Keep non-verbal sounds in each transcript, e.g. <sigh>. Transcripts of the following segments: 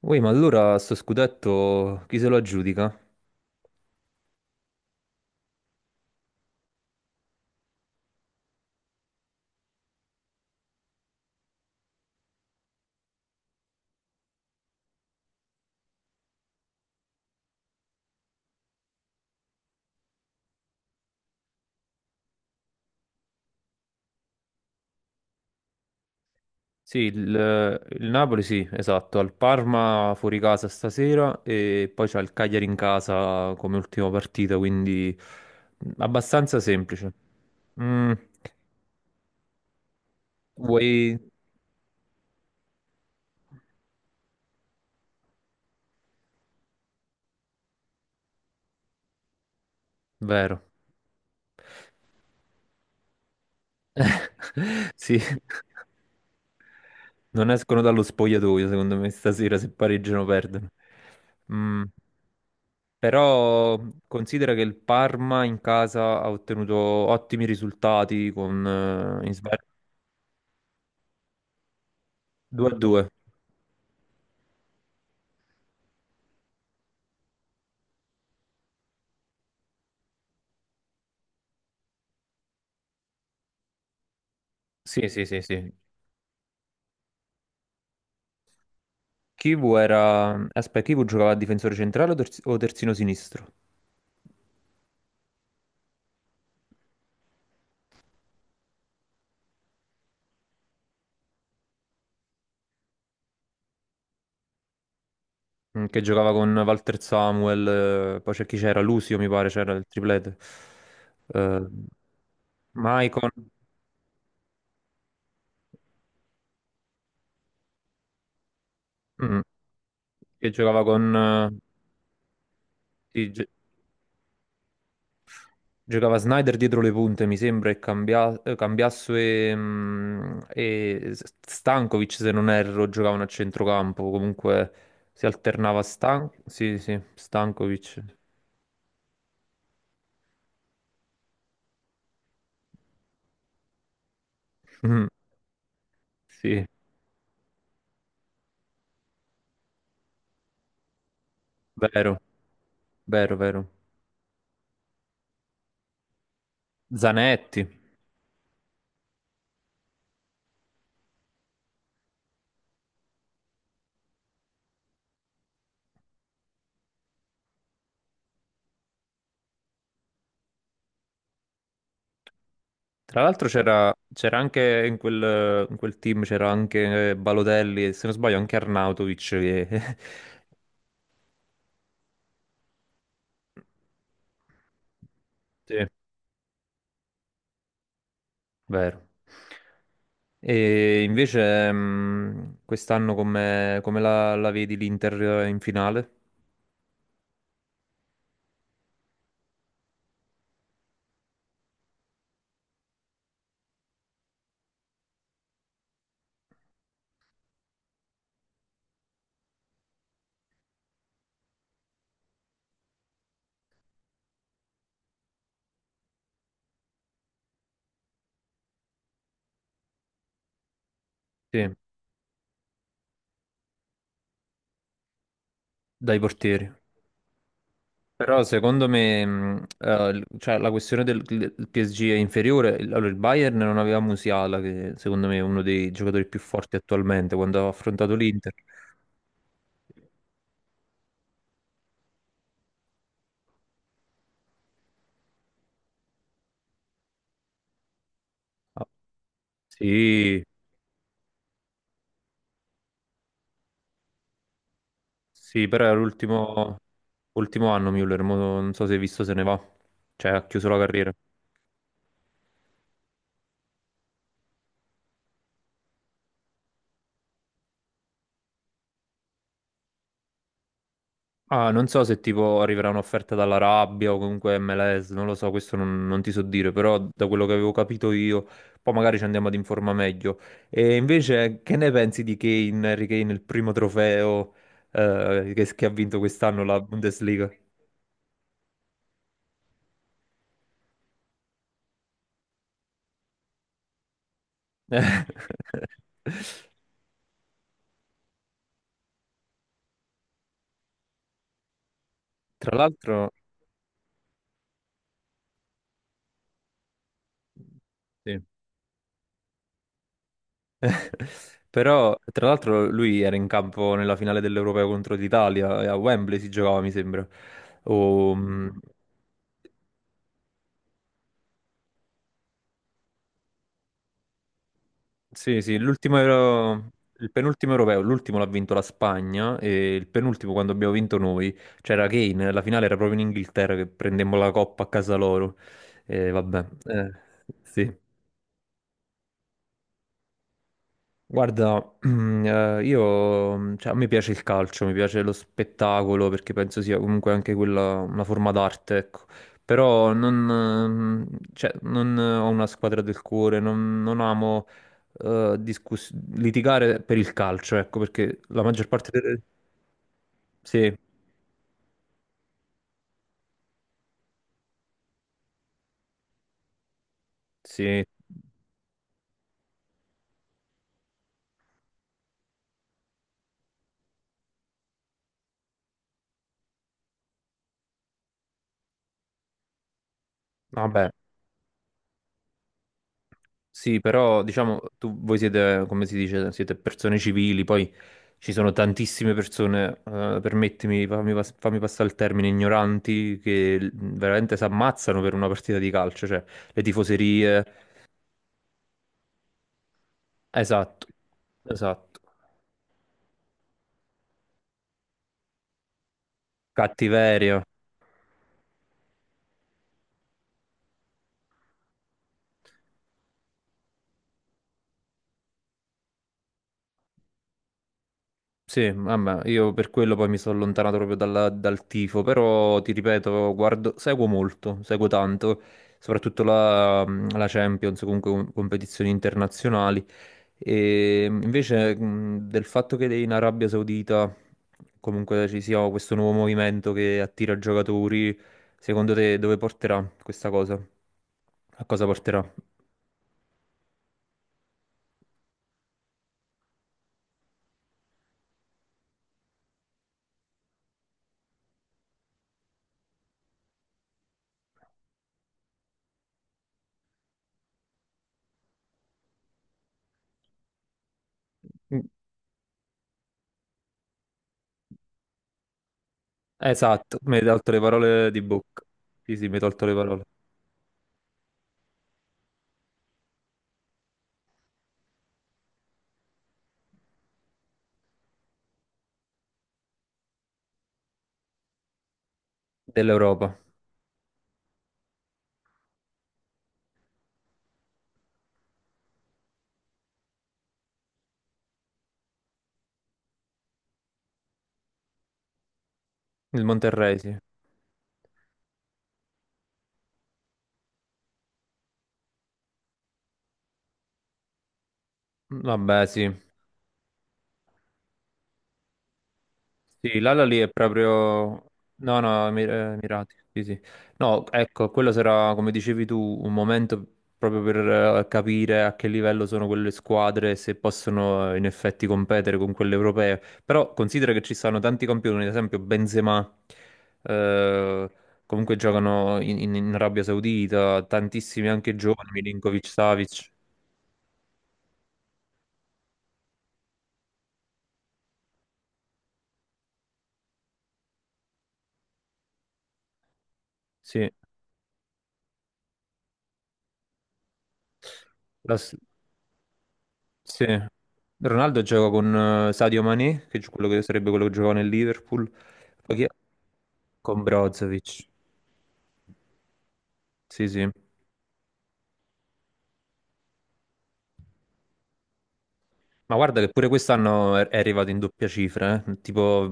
Ui, ma allora sto scudetto chi se lo aggiudica? Sì, il Napoli sì, esatto, al Parma fuori casa stasera e poi c'ha il Cagliari in casa come ultima partita, quindi abbastanza semplice. Mm, vuoi... Vero. <laughs> Sì, non escono dallo spogliatoio secondo me stasera se pareggiano perdono. Mm. Però considera che il Parma in casa ha ottenuto ottimi risultati con in Svezia 2-2. Sì, sì, sì, sì. Kivu era... Aspetta, Kivu giocava a difensore centrale o, o terzino sinistro? Mm, che giocava con Walter Samuel, poi c'è chi c'era, Lucio mi pare, c'era il triplete. Eh, Maicon, mm, che giocava con... sì, giocava Snyder dietro le punte, mi sembra, e Cambiasso e, mm, e Stankovic, se non erro, giocavano a centrocampo. Comunque si alternava Stan... Sì, sì, Stankovic. <laughs> Mm, sì, vero, vero, vero. Zanetti. Tra l'altro c'era anche in quel team, c'era anche Balotelli e se non sbaglio anche Arnautovic che... <laughs> Sì. Vero. E invece quest'anno come, come la, la vedi l'Inter in finale? Sì, dai portieri. Però secondo me cioè, la questione del PSG è inferiore. Allora, il Bayern non aveva Musiala, che secondo me è uno dei giocatori più forti attualmente quando ha affrontato l'Inter. Ah, sì, sì, però era l'ultimo ultimo anno Müller, mo non so se hai visto se ne va. Cioè, ha chiuso la carriera. Ah, non so se tipo arriverà un'offerta dall'Arabia o comunque MLS, non lo so, questo non, non ti so dire, però da quello che avevo capito io, poi magari ci andiamo ad informare meglio. E invece, che ne pensi di Kane, Harry Kane, il primo trofeo che ha vinto quest'anno la Bundesliga? <laughs> Tra l'altro, sì. <laughs> Però, tra l'altro, lui era in campo nella finale dell'Europeo contro l'Italia, e a Wembley si giocava, mi sembra. O, mm, sì, sì, il penultimo europeo, l'ultimo l'ha vinto la Spagna e il penultimo quando abbiamo vinto noi c'era Kane, la finale era proprio in Inghilterra che prendemmo la coppa a casa loro. E vabbè, sì. Guarda, <clears throat> io, cioè, a me piace il calcio, mi piace lo spettacolo perché penso sia comunque anche quella una forma d'arte, ecco. Però non, cioè, non ho una squadra del cuore, non, non amo eh, discuss- litigare per il calcio, ecco, perché la maggior parte delle... Sì, sì, vabbè. Sì, però diciamo, tu, voi siete, come si dice, siete persone civili, poi ci sono tantissime persone, permettimi, fammi passare il termine, ignoranti, che veramente si ammazzano per una partita di calcio, cioè le tifoserie, esatto, esatto, cattiveria. Sì, vabbè, io per quello poi mi sono allontanato proprio dal tifo, però ti ripeto, guardo, seguo molto, seguo tanto, soprattutto la, la Champions, comunque competizioni internazionali. E invece del fatto che in Arabia Saudita comunque ci sia questo nuovo movimento che attira giocatori, secondo te dove porterà questa cosa? A cosa porterà? Mm, esatto, mi hai tolto le parole di bocca. Sì, sì, mi hai tolto le parole. Dell'Europa. Il Monterrey, sì. Vabbè, sì. Sì, l'Al-Ahly è proprio... No, no, Emirati, sì, sì. No, ecco, quello sarà, come dicevi tu, un momento proprio per capire a che livello sono quelle squadre, e se possono in effetti competere con quelle europee. Però considera che ci stanno tanti campioni, ad esempio Benzema, eh, comunque giocano in, in Arabia Saudita, tantissimi anche giovani, Milinkovic-Savic, sì. La, sì. Ronaldo gioca con Sadio Mané, che è quello che sarebbe quello che giocava nel Liverpool. Poi chi è? Con Brozovic. Sì, sì. Ma guarda che pure quest'anno è arrivato in doppia cifra, eh. Tipo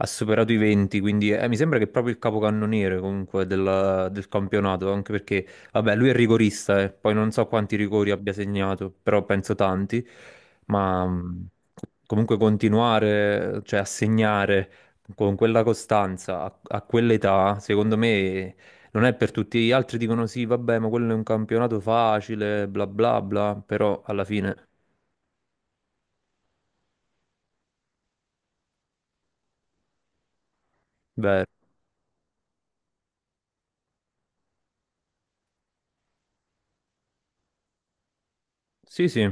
ha superato i 20, quindi mi sembra che è proprio il capocannoniere comunque del campionato, anche perché, vabbè, lui è rigorista, eh. Poi non so quanti rigori abbia segnato, però penso tanti, ma comunque continuare, cioè a segnare con quella costanza a, a quell'età, secondo me non è per tutti. Gli altri dicono sì, vabbè, ma quello è un campionato facile, bla bla bla, però alla fine... Vero. Sì, sì.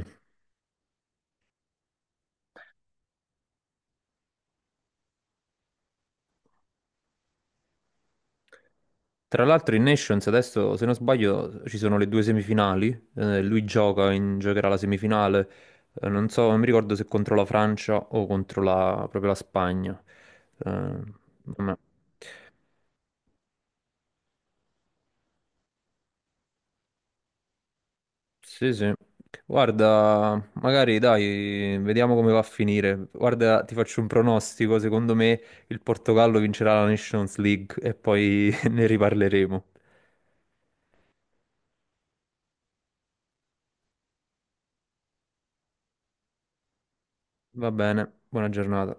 Tra l'altro in Nations adesso, se non sbaglio, ci sono le due semifinali. Lui gioca, giocherà la semifinale. Non so, non mi ricordo se contro la Francia o contro la, proprio la Spagna. Eh, vabbè. Sì, sì. Guarda, magari dai, vediamo come va a finire. Guarda, ti faccio un pronostico. Secondo me il Portogallo vincerà la Nations League e poi <laughs> ne riparleremo. Va bene, buona giornata.